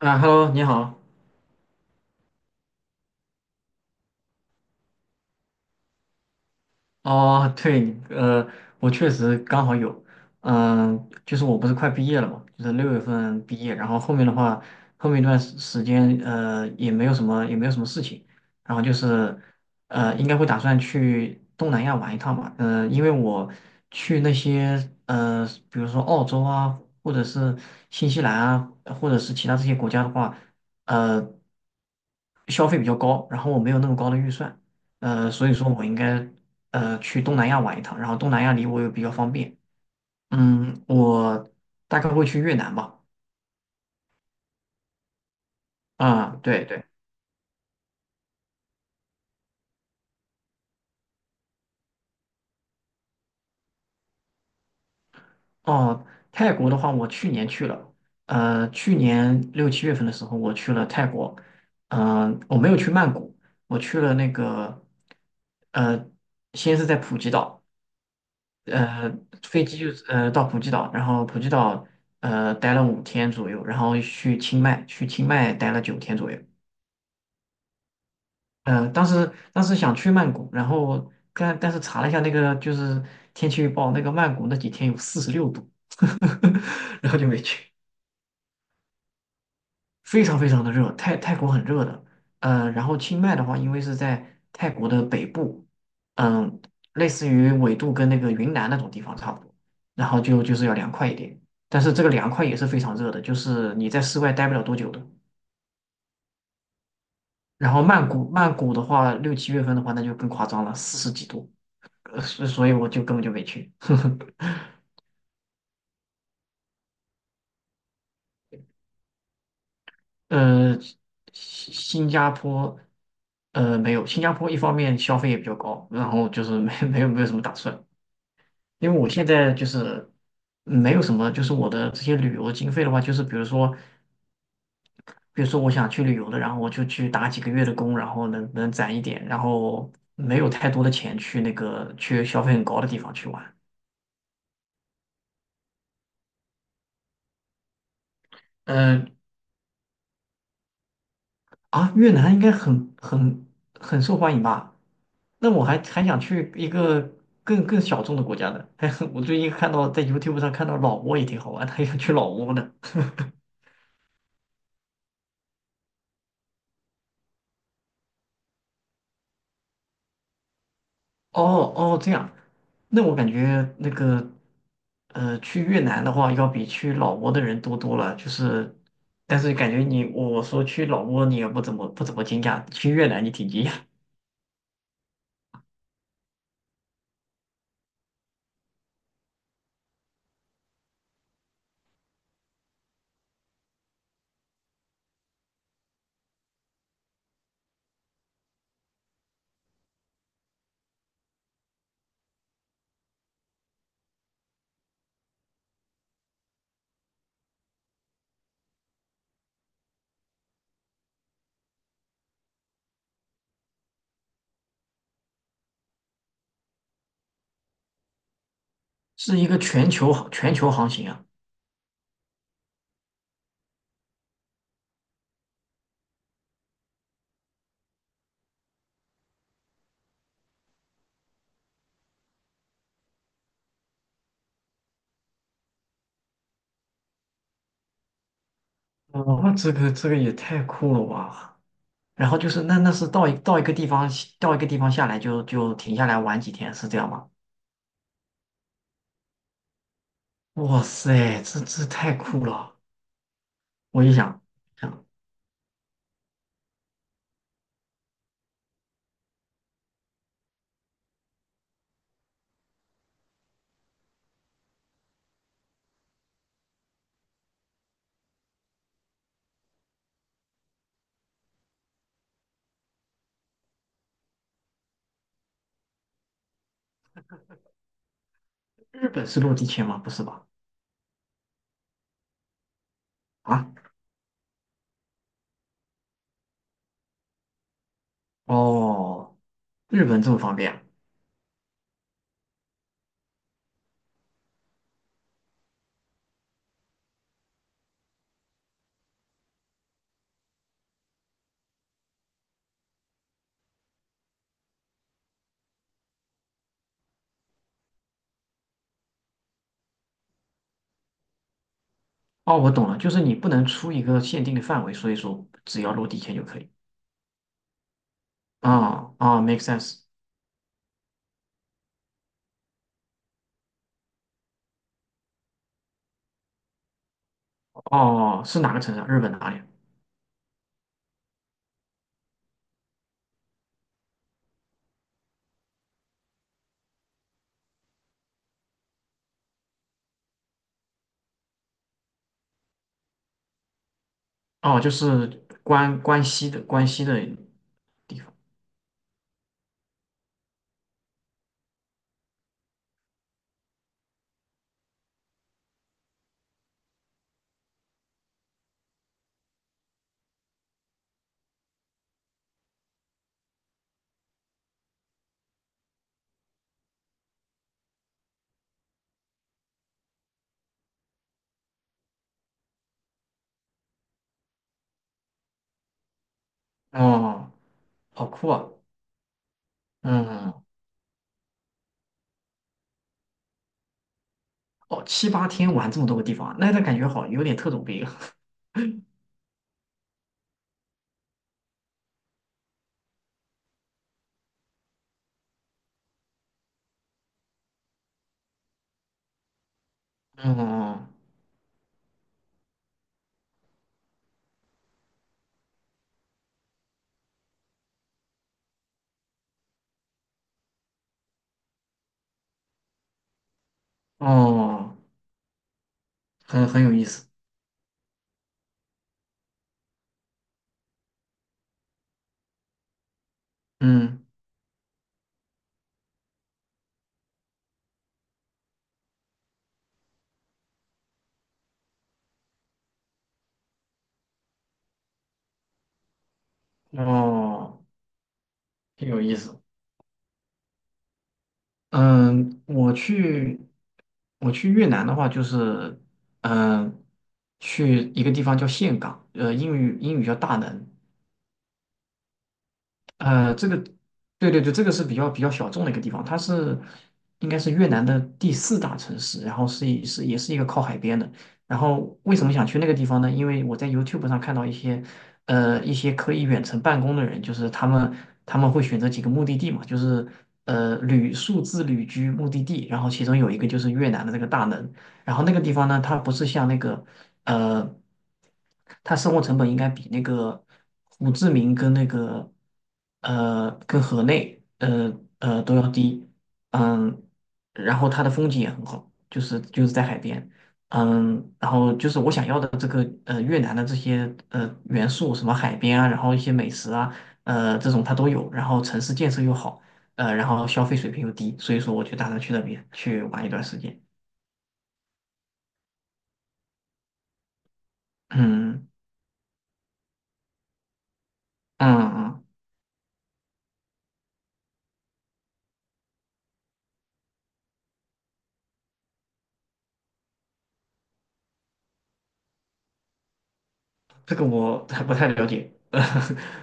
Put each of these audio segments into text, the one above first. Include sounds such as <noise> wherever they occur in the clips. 啊，Hello，你好。哦，对，我确实刚好有，嗯、就是我不是快毕业了嘛，就是六月份毕业，然后后面的话，后面一段时间，也没有什么，也没有什么事情，然后就是，应该会打算去东南亚玩一趟吧，嗯、因为我去那些，比如说澳洲啊，或者是新西兰啊，或者是其他这些国家的话，呃。消费比较高，然后我没有那么高的预算，所以说我应该去东南亚玩一趟，然后东南亚离我又比较方便。嗯，我大概会去越南吧。啊、对对。哦，泰国的话，我去年去了，去年六七月份的时候，我去了泰国，嗯、我没有去曼谷，我去了那个，呃，先是在普吉岛，呃，飞机就是到普吉岛，然后普吉岛待了五天左右，然后去清迈，去清迈待了九天左右。当时想去曼谷，然后但是查了一下那个就是天气预报，那个曼谷那几天有四十六度，<laughs> 然后就没去。非常的热，泰国很热的。然后清迈的话，因为是在泰国的北部，嗯、类似于纬度跟那个云南那种地方差不多，然后就是要凉快一点，但是这个凉快也是非常热的，就是你在室外待不了多久的。然后曼谷的话，六七月份的话，那就更夸张了，四十几度。所以我就根本就没去。<laughs> 呃，新加坡，没有，新加坡一方面消费也比较高，然后就是没 <laughs> 没有什么打算，因为我现在就是没有什么，就是我的这些旅游经费的话，就是比如说，比如说我想去旅游的，然后我就去打几个月的工，然后能攒一点，然后没有太多的钱去那个去消费很高的地方去玩。嗯。啊，越南应该很很受欢迎吧？那我还想去一个更小众的国家呢。<laughs> 还很我最近看到在 YouTube 上看到老挝也挺好玩他还想去老挝呢。哦哦，这样，那我感觉那个去越南的话，要比去老挝的人多多了。就是，但是感觉你我说去老挝，你也不怎么惊讶，去越南你挺惊讶，<laughs> 是一个全球航行啊。哇，这个也太酷了吧！然后就是那那是到一个地方到一个地方下来就停下来玩几天，是这样吗？哇塞，这太酷了！我一想，想日本是落地签吗？不是吧？啊，哦，日本这么方便啊？哦，我懂了，就是你不能出一个限定的范围，所以说只要落地签就可以。啊啊，make sense。哦，是哪个城市啊日本哪里啊哦，就是关西的地方。哦，好酷啊！嗯。哦，七八天玩这么多个地方啊，那那感觉好，有点特种兵。<laughs> 哦哦，很有意思。嗯，哦，挺有意思。嗯，我去越南的话，就是嗯，去一个地方叫岘港，呃，英语叫大能，这个，对对对，这个是比较小众的一个地方，它是应该是越南的第四大城市，然后是一是也是一个靠海边的。然后为什么想去那个地方呢？因为我在 YouTube 上看到一些一些可以远程办公的人，就是他们会选择几个目的地嘛，就是数字旅居目的地，然后其中有一个就是越南的这个大门，然后那个地方呢，它不是像那个呃，他生活成本应该比那个胡志明跟那个跟河内都要低，嗯，然后它的风景也很好，就是在海边，嗯，然后就是我想要的这个越南的这些元素，什么海边啊，然后一些美食啊，这种它都有，然后城市建设又好，然后消费水平又低，所以说我就打算去那边去玩一段时间，嗯嗯嗯。这个我还不太了解，<laughs>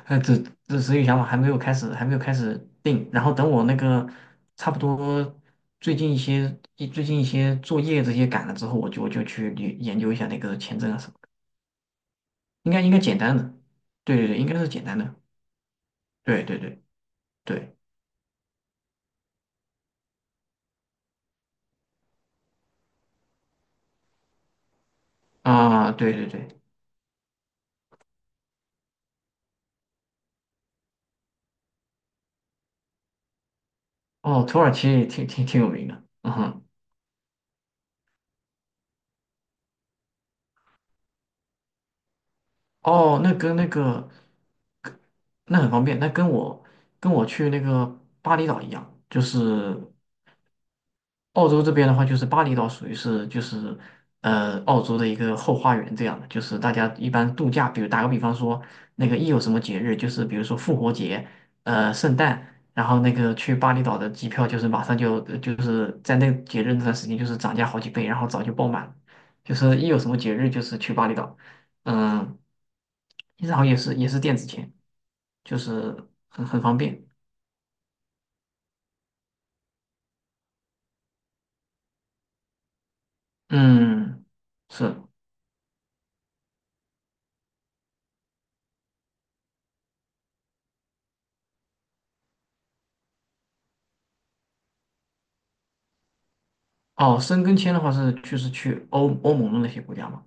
呃，这这所以想法还没有开始，还没有开始定。然后等我那个差不多最近一些作业这些赶了之后，我就去研究一下那个签证啊什么的，应该简单的，对对对，应该是简单的，对对对对啊，对对对，哦，土耳其也挺有名的，嗯哼，哦，那跟那个那很方便，那跟我跟我去那个巴厘岛一样，就是。澳洲这边的话，就是巴厘岛属于是就是澳洲的一个后花园这样的，就是大家一般度假，比如打个比方说，那个一有什么节日，就是比如说复活节、圣诞，然后那个去巴厘岛的机票就是马上就是在那个节日那段时间就是涨价好几倍，然后早就爆满了就是一有什么节日就是去巴厘岛，嗯，其实好像也是电子钱，就是很方便，嗯，是。哦，申根签的话是就是去欧盟的那些国家嘛。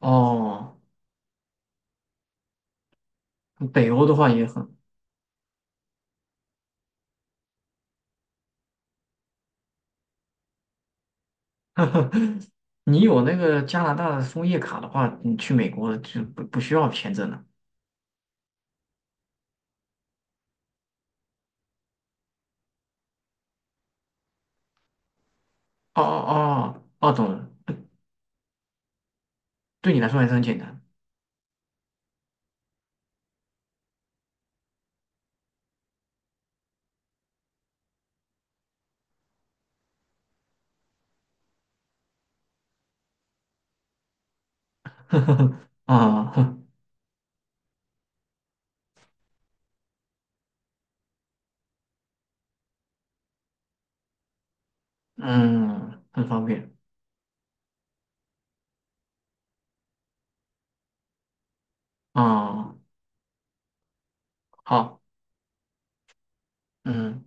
哦，北欧的话也很，<laughs> 你有那个加拿大的枫叶卡的话，你去美国就不需要签证了。哦哦哦哦，懂了，对你来说还是很简单。<laughs> 啊，哼嗯，很方便。啊，好，嗯，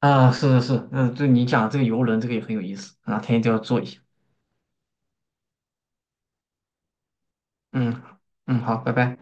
啊，是是是，嗯，就你讲的这个游轮，这个也很有意思啊，天天都要做一下。嗯嗯，好，拜拜。